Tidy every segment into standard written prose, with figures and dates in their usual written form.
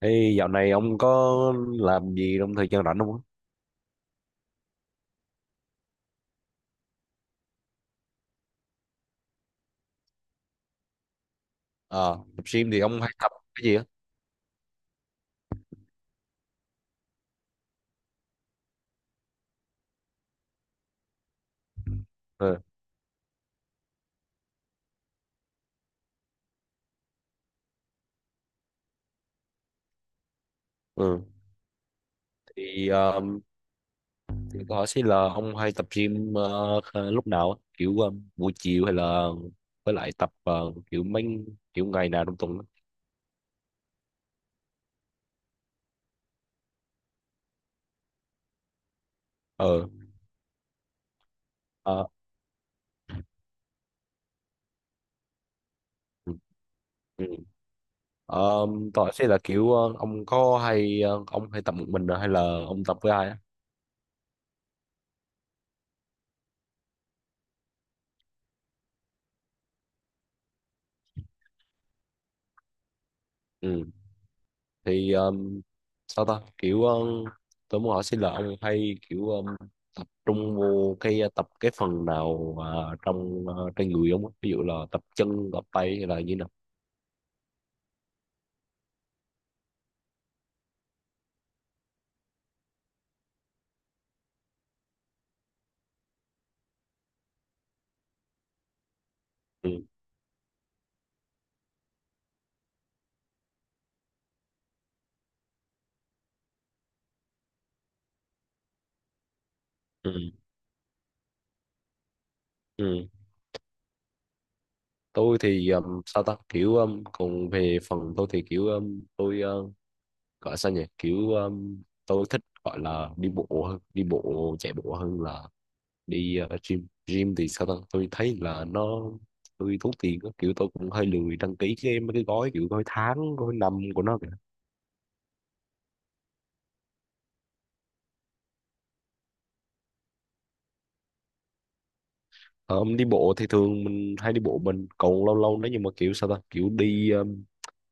Ê, dạo này ông có làm gì trong thời gian rảnh không? Á? Ờ, Tập gym thì ông hay tập cái gì á? Ừ, ừ. Thì, ờ, thì câu hỏi sẽ là ông hay tập gym lúc nào? Á? Kiểu buổi chiều hay là với lại tập kiểu mấy kiểu ngày nào trong tuần? Á? Ờ, ờ, ừ, ừ. Ờ, câu hỏi sẽ là kiểu ông hay tập một mình hay là ông tập với ai? Á? Ừ. Thì sao ta kiểu tôi muốn hỏi xin là ông hay kiểu tập trung vô cái tập cái phần nào, à, trong, à, trên người ông á? Ví dụ là tập chân tập tay hay là như nào. Ừ, ừ, ừ. Tôi thì sao ta kiểu còn về phần tôi thì kiểu tôi gọi sao nhỉ kiểu tôi thích gọi là đi bộ hơn đi bộ chạy bộ hơn là đi gym. Gym thì sao ta tôi thấy là tôi tốn tiền á, kiểu tôi cũng hơi lười đăng ký cái mấy cái gói kiểu gói tháng gói năm của nó kìa. Ờ, Đi bộ thì thường mình hay đi bộ mình, còn lâu lâu nếu như mà kiểu sao ta kiểu đi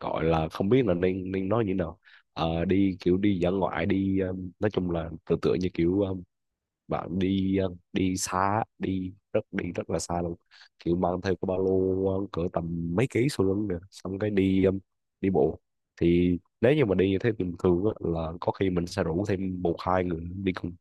gọi là không biết là nên nên nói như thế nào. Ờ, đi kiểu đi dã ngoại, đi nói chung là tự tựa như kiểu bạn đi đi xa, đi rất là xa luôn, kiểu mang theo cái ba lô cỡ tầm mấy ký sau lưng nè, xong cái đi đi bộ. Thì nếu như mà đi như thế bình thường á, là có khi mình sẽ rủ thêm một hai người đi cùng.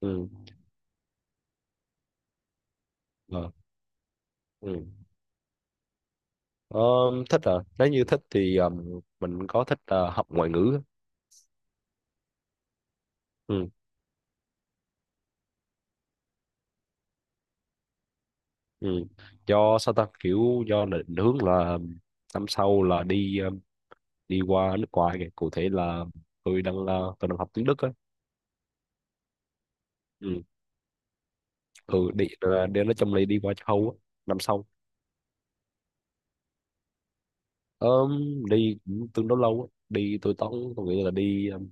Ừ. ờ, ừ. Ờ, thích à, nếu như thích thì mình có thích học ngoại ngữ á. Ừ. Ừ. Do sao ta kiểu do định hướng là năm sau là đi đi qua nước ngoài kìa, cụ thể là tôi đang học tiếng Đức á. Ừ. Ừ, đi là đi nói chung là đi qua châu Âu á năm sau. Ờm, Đi cũng tương đối lâu á. Đi tôi tốn Tôi nghĩ là đi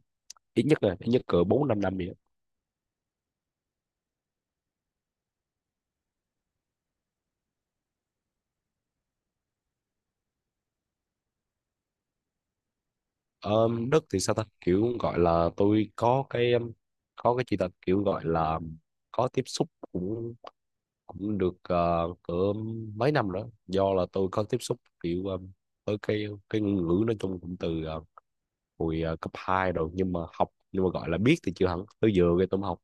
ít nhất cỡ 4-5 năm vậy á. Đất thì sao ta kiểu gọi là tôi có cái chỉ là kiểu gọi là có tiếp xúc cũng cũng được cỡ mấy năm nữa, do là tôi có tiếp xúc kiểu với cái ngôn ngữ, nói chung cũng từ hồi cấp 2 rồi, nhưng mà gọi là biết thì chưa hẳn, tới giờ cái tôi mới học,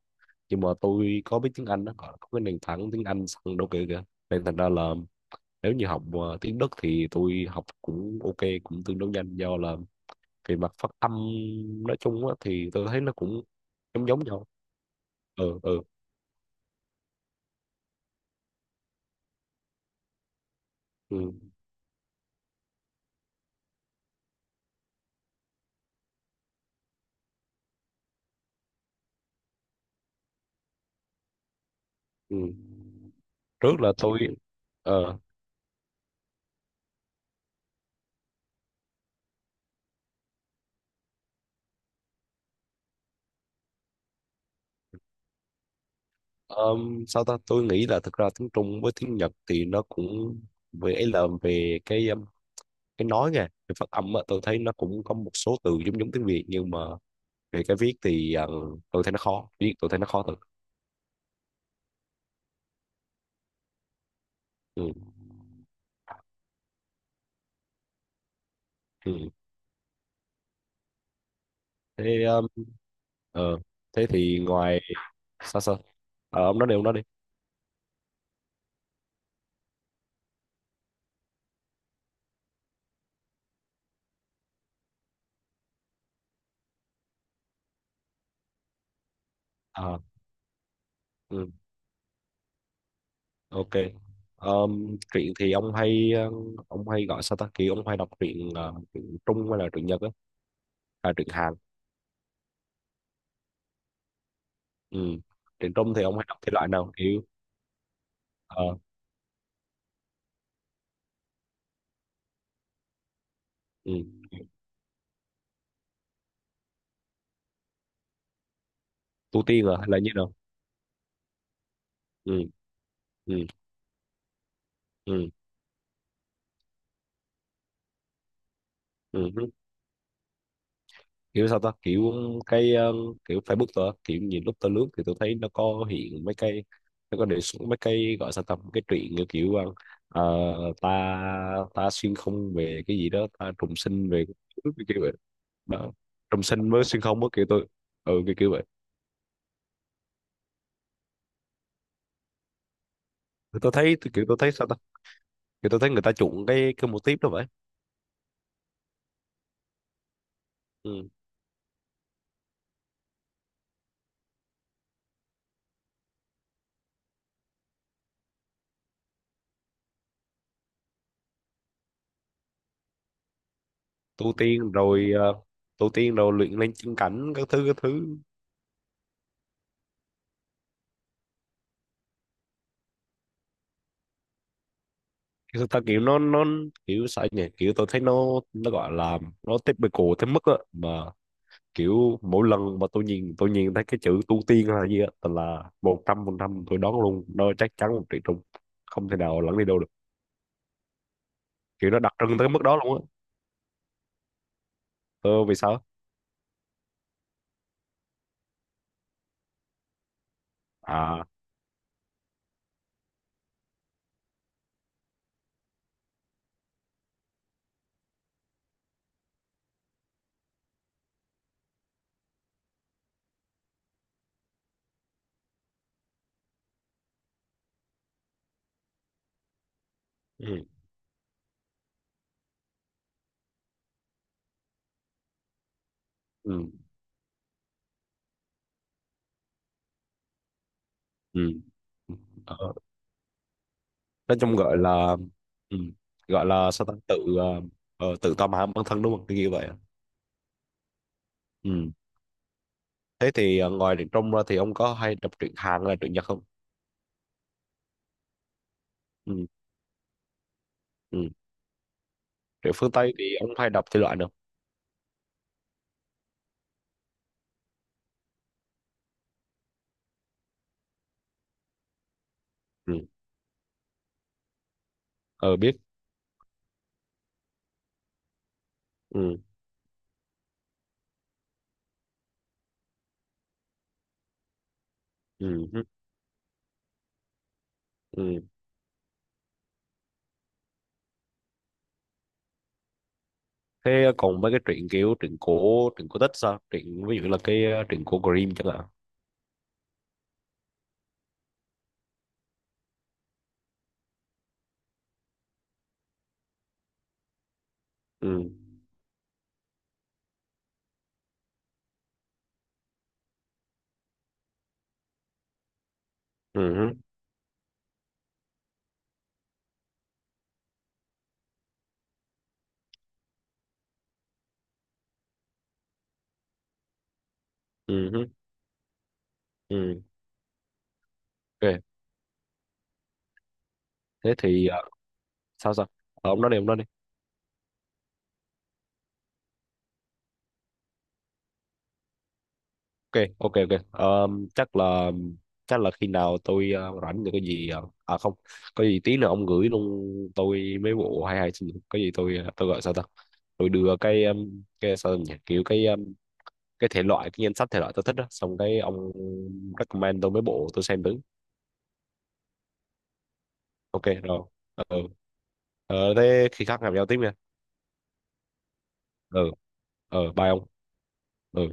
nhưng mà tôi có biết tiếng Anh đó, gọi là có cái nền tảng tiếng Anh sẵn đâu kìa kìa nên thành ra là nếu như học tiếng Đức thì tôi học cũng ok, cũng tương đối nhanh, do là về mặt phát âm nói chung á, thì tôi thấy nó cũng giống giống nhau. Ừ, ừ, ừ, ừ. Trước là tôi ờ Sao ta tôi nghĩ là thực ra tiếng Trung với tiếng Nhật thì nó cũng về ấy, là về cái nói nha, cái phát âm á, tôi thấy nó cũng có một số từ giống giống tiếng Việt, nhưng mà về cái viết thì tôi thấy nó khó viết, tôi thấy nó khó thật. Ừ. Ừ. thế um, ờ, thế thì sao sao? Ờ, ông nói đi, ông nói đi. Ờ, ừ, ok. Truyện thì ông hay gọi sao ta kỳ, ông hay đọc truyện truyện Trung hay là truyện Nhật á, à, truyện Hàn. Ừ. Truyện Trung thì ông hay đọc thể loại nào, kiểu ờ, ừ, tu tiên à, hay là như nào? Ừ. Ừ. Ừ. Ừ. Kiểu sao ta kiểu cái kiểu Facebook tôi á, kiểu nhìn lúc tôi lướt thì tôi thấy hiện mấy cái nó có đề xuất mấy cái, gọi sao ta, mấy cái truyện như kiểu ờ, ta ta xuyên không về cái gì đó, ta trùng sinh về, cái kiểu vậy đó. Trùng sinh với xuyên không á, kiểu tôi ừ kiểu kiểu vậy. Thì tôi thấy kiểu tôi thấy sao ta, kiểu tôi thấy người ta chuộng cái mô típ đó vậy. Ừ. Tu tiên rồi, luyện lên chân cảnh các thứ các thứ. Kiểu thực ra kiểu nó kiểu sao nhỉ, kiểu tôi thấy nó gọi là nó typical tới mức á mà, kiểu mỗi lần mà tôi nhìn thấy cái chữ tu tiên hay là gì á, tôi là 100% tôi đoán luôn, nó chắc chắn 1 triệu trùng, không thể nào lẫn đi đâu được, kiểu nó đặc trưng tới mức đó luôn á. Ờ vì sao? À, ừ, ừ, ừ, ừ, ờ, nói chung gọi là ừ, gọi là sao ta, tự tầm hãm bản thân đúng không, cái như vậy. Ừ. Thế thì ngoài truyện Trung ra thì ông có hay đọc truyện Hàn hay là truyện Nhật không? Ừ, ừ. Rượu phương Tây thì ông hay đọc thể loại nào? Ừ, ờ biết. Ừ, ừ, hứ, ừ. Thế còn mấy cái truyện kiểu truyện cổ tích sao? Truyện ví dụ là cái truyện cổ Grimm chẳng hạn. Ừ, ừ, hứ, ừ, hứ, ừ. Ok. Thế thì sao sao? Ờ, ông nói đi, ông nói đi. Ok, ok, ok. Ờ, chắc là chắc là khi nào rảnh được cái gì à không, có gì tí nữa ông gửi luôn tôi mấy bộ hay hay, xin lỗi. Có gì tôi gọi sao ta, tôi đưa cái sao nhỉ, kiểu cái thể loại cái danh sách thể loại tôi thích đó, xong cái ông recommend tôi mấy bộ tôi xem thử. Ok rồi. Ừ. Thế khi khác gặp nhau tiếp nha. Ừ. Ờ, bye ông. Ừ.